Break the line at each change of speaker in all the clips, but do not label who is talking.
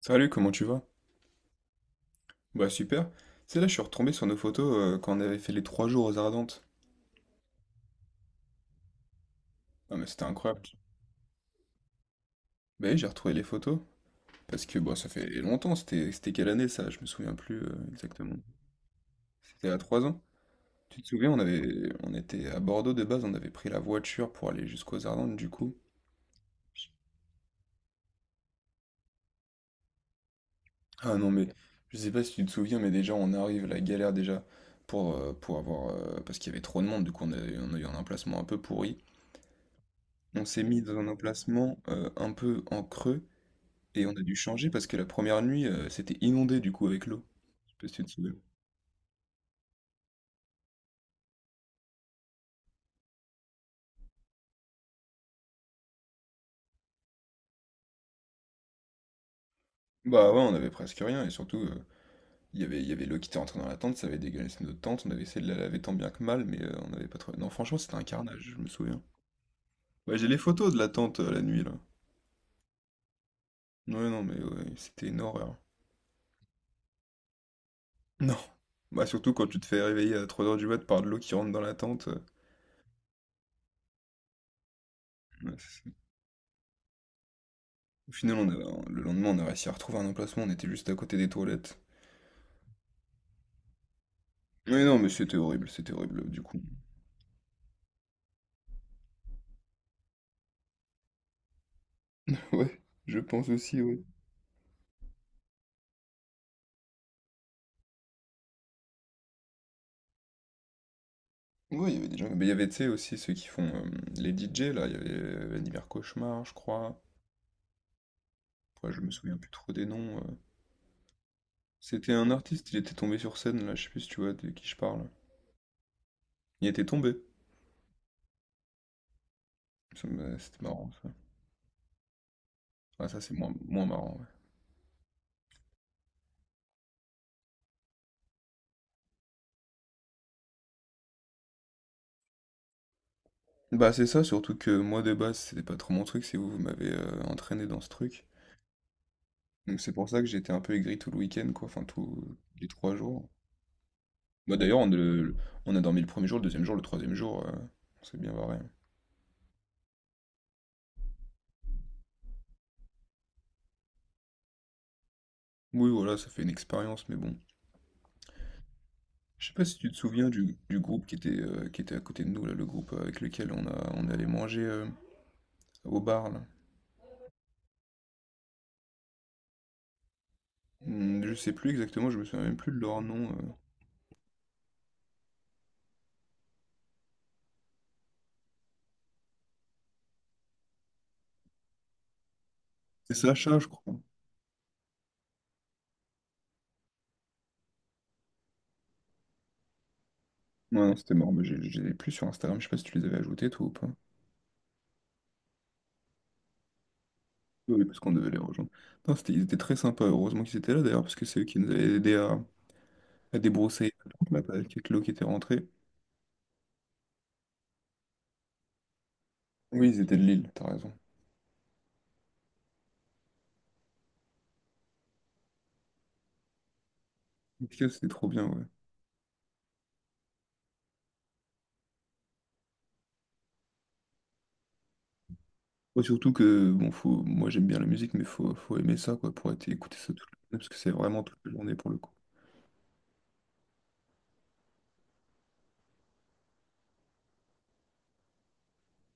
Salut, comment tu vas? Bah super. C'est là, je suis retombé sur nos photos quand on avait fait les 3 jours aux Ardentes. Ah mais c'était incroyable. Bah oui, j'ai retrouvé les photos. Parce que bah ça fait longtemps, c'était quelle année ça? Je me souviens plus exactement. C'était à 3 ans. Tu te souviens, on était à Bordeaux de base, on avait pris la voiture pour aller jusqu'aux Ardentes du coup. Ah non mais je sais pas si tu te souviens mais déjà on arrive la galère déjà pour avoir parce qu'il y avait trop de monde du coup on a eu un emplacement un peu pourri. On s'est mis dans un emplacement un peu en creux. Et on a dû changer parce que la première nuit, c'était inondé du coup avec l'eau. Je sais pas si tu te souviens. Bah ouais, on avait presque rien et surtout, il y avait l'eau qui était rentrée dans la tente, ça avait dégueulassé notre tente, on avait essayé de la laver tant bien que mal, mais on n'avait pas trouvé. Non, franchement, c'était un carnage, je me souviens. Bah j'ai les photos de la tente la nuit là. Ouais, non, mais ouais, c'était une horreur. Non. Bah surtout quand tu te fais réveiller à 3 heures du mat par de l'eau qui rentre dans la tente. Ouais, c'est ça. Au final, le lendemain, on a réussi à retrouver un emplacement, on était juste à côté des toilettes. Mais non, mais c'était horrible du coup. Ouais, je pense aussi, ouais. Ouais, il y avait des gens. Mais il y avait, tu sais, aussi ceux qui font les DJ, là. Il y avait Vladimir Cauchemar, je crois. Ouais, je me souviens plus trop des noms. C'était un artiste, il était tombé sur scène, là. Je sais plus si tu vois de qui je parle. Il était tombé. C'était marrant, ça. Ah, ça, c'est moins marrant, ouais. Bah, c'est ça, surtout que moi, de base, c'était pas trop mon truc. C'est vous, vous m'avez entraîné dans ce truc. Donc, c'est pour ça que j'étais un peu aigri tout le week-end, quoi. Enfin, tous les 3 jours. Bah, d'ailleurs, on a dormi le premier jour, le deuxième jour, le troisième jour. On s'est bien barré. Oui, voilà, ça fait une expérience, mais bon. Je sais pas si tu te souviens du groupe qui était à côté de nous, là, le groupe avec lequel on allait manger au bar, là. Hmm, je sais plus exactement, je me souviens même plus de leur nom. C'est Sacha, je crois. Ouais, non, c'était mort, mais je les ai plus sur Instagram, je sais pas si tu les avais ajoutés, toi, ou pas. Oui, parce qu'on devait les rejoindre. Non, ils étaient très sympas, heureusement qu'ils étaient là, d'ailleurs, parce que c'est eux qui nous avaient aidés à débroussailler la troupe, là, avec l'eau qui était rentrée. Oui, ils étaient de Lille, t'as raison. En tout cas, c'était trop bien, ouais. Ouais, surtout que bon, moi j'aime bien la musique, mais faut aimer ça quoi, écouter ça toute la journée, parce que c'est vraiment toute la journée pour le coup.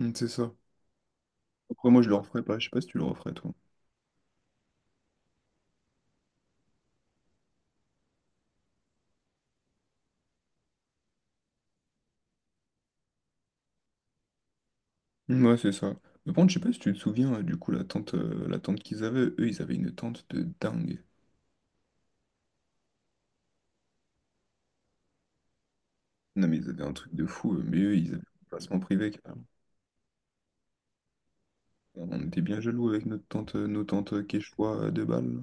Mm, c'est ça. Après, moi je le referais pas, je sais pas si tu le referais toi. Mm, ouais, c'est ça. Mais par contre, je sais pas si tu te souviens, du coup, la tente qu'ils avaient, eux ils avaient une tente de dingue. Non, mais ils avaient un truc de fou, mais eux ils avaient un placement privé carrément. On était bien jaloux avec nos tentes quechua à 2 balles.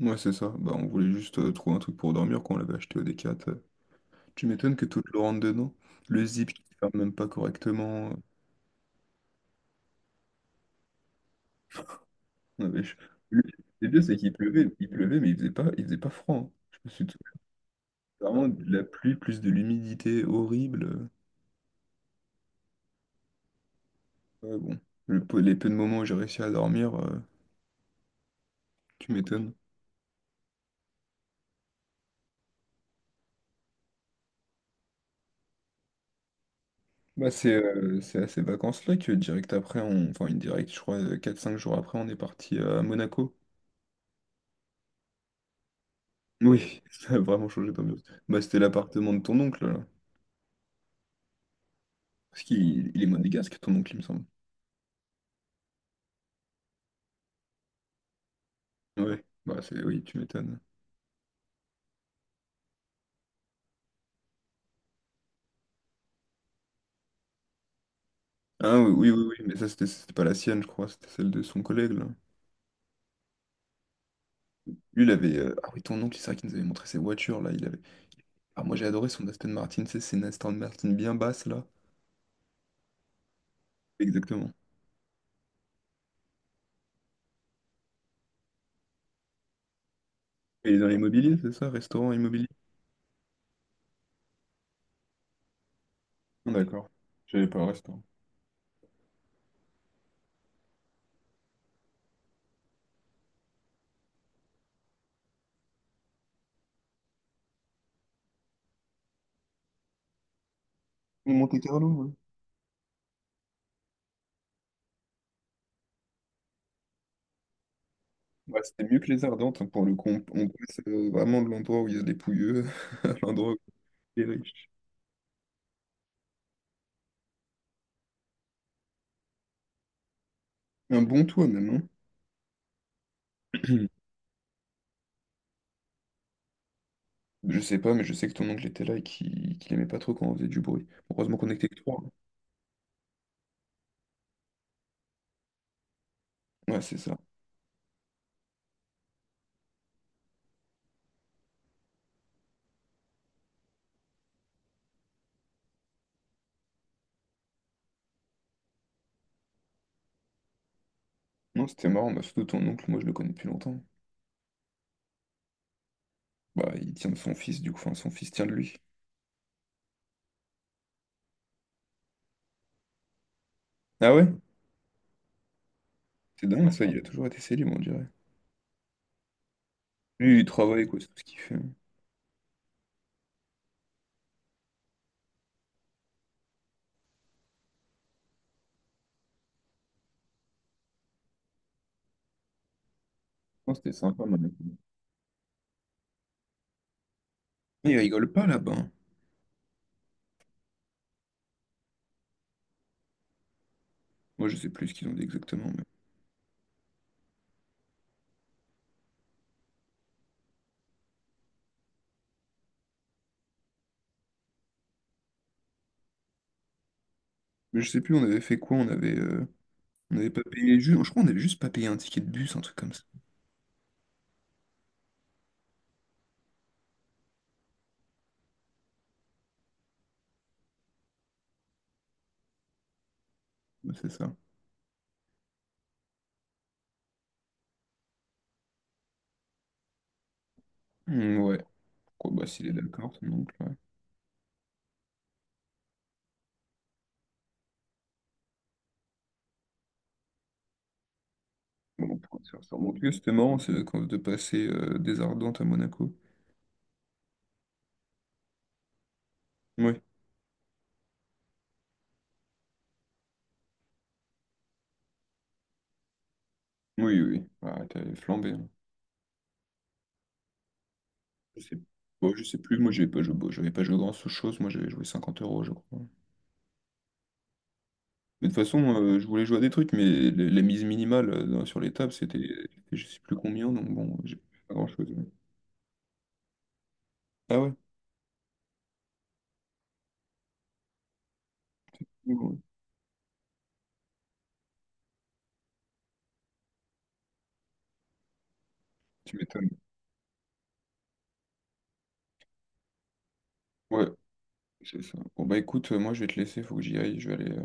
Ouais, c'est ça. Bah, on voulait juste trouver un truc pour dormir quand on l'avait acheté au D4. Tu m'étonnes que tout te le rentre dedans. Le zip, je ne ferme même pas correctement. Non, Le le pire, c'est qu'il pleuvait, il pleuvait, mais il faisait pas froid, hein. Je me suis tout... vraiment de la pluie plus de l'humidité horrible. Ouais, bon. Les peu de moments où j'ai réussi à dormir, tu m'étonnes. Bah, c'est à ces vacances-là que direct après, on... enfin une directe, je crois, 4 5 jours après, on est parti à Monaco. Oui, ça a vraiment changé d'ambiance. Bah, c'était l'appartement de ton oncle, là. Parce qu'il il est monégasque, ton oncle, il me semble. Ouais, bah c'est oui, tu m'étonnes. Ah oui, oui, oui, oui, mais ça, c'était pas la sienne, je crois, c'était celle de son collègue, là. Lui, il avait... Ah oui, ton oncle, c'est vrai qu'il nous avait montré ses voitures, là, il avait... Ah, moi, j'ai adoré son Aston Martin, tu sais, c'est une Aston Martin bien basse, là. Exactement. Et il est dans l'immobilier, c'est ça? Restaurant, immobilier? Ah, d'accord. J'avais pas le restaurant. Ou Monte-Carlo, ouais. Ouais, c'était mieux que les Ardentes, hein, pour le coup. On passe vraiment de l'endroit où il y a des pouilleux à l'endroit où il y a des riches. Un bon toit, même, hein. Je sais pas, mais je sais que ton oncle était là et qu'il aimait pas trop quand on faisait du bruit. Heureusement qu'on était que trois, hein. Ouais, c'est ça. Non, c'était marrant, bah, surtout ton oncle, moi je le connais depuis longtemps. Bah, il tient de son fils, du coup, enfin, son fils tient de lui. Ah ouais? C'est dingue, ça, il a toujours été célèbre, on dirait. Lui, il travaille, quoi, c'est tout ce qu'il fait. Non, c'était sympa, man. Mais ils rigolent pas là-bas, hein. Moi, je sais plus ce qu'ils ont dit exactement, mais je sais plus, on avait fait quoi, on avait... On avait pas payé... Je crois qu'on avait juste pas payé un ticket de bus, un truc comme ça. Ouais, c'est ça. Hmm, ouais. Quoi, bah, s'il est d'accord, ton oncle, ouais. Bon, on pourra se faire ça. Bon, en tout cas, c'était marrant, ces vacances de passer des Ardentes à Monaco. Ouais. Oui, oui, oui. Ah, t'avais flambé, hein. Je sais, moi, je sais plus, moi j'avais pas joué, bon, j'avais pas joué grand chose, moi j'avais joué 50 euros, je crois. Mais de toute façon, je voulais jouer à des trucs, mais la mise minimale sur les tables, c'était je sais plus combien, donc bon, j'ai pas grand-chose, ouais. Ah ouais? Bon, tu m'étonnes. Ouais, c'est ça. Bon bah écoute, moi je vais te laisser, faut que j'y aille, je vais aller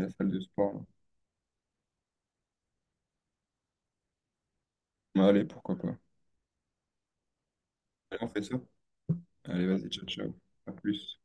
à la salle de sport, là. Bah, allez, pourquoi pas. Allez, on fait ça? Allez, vas-y, ciao, ciao. À plus.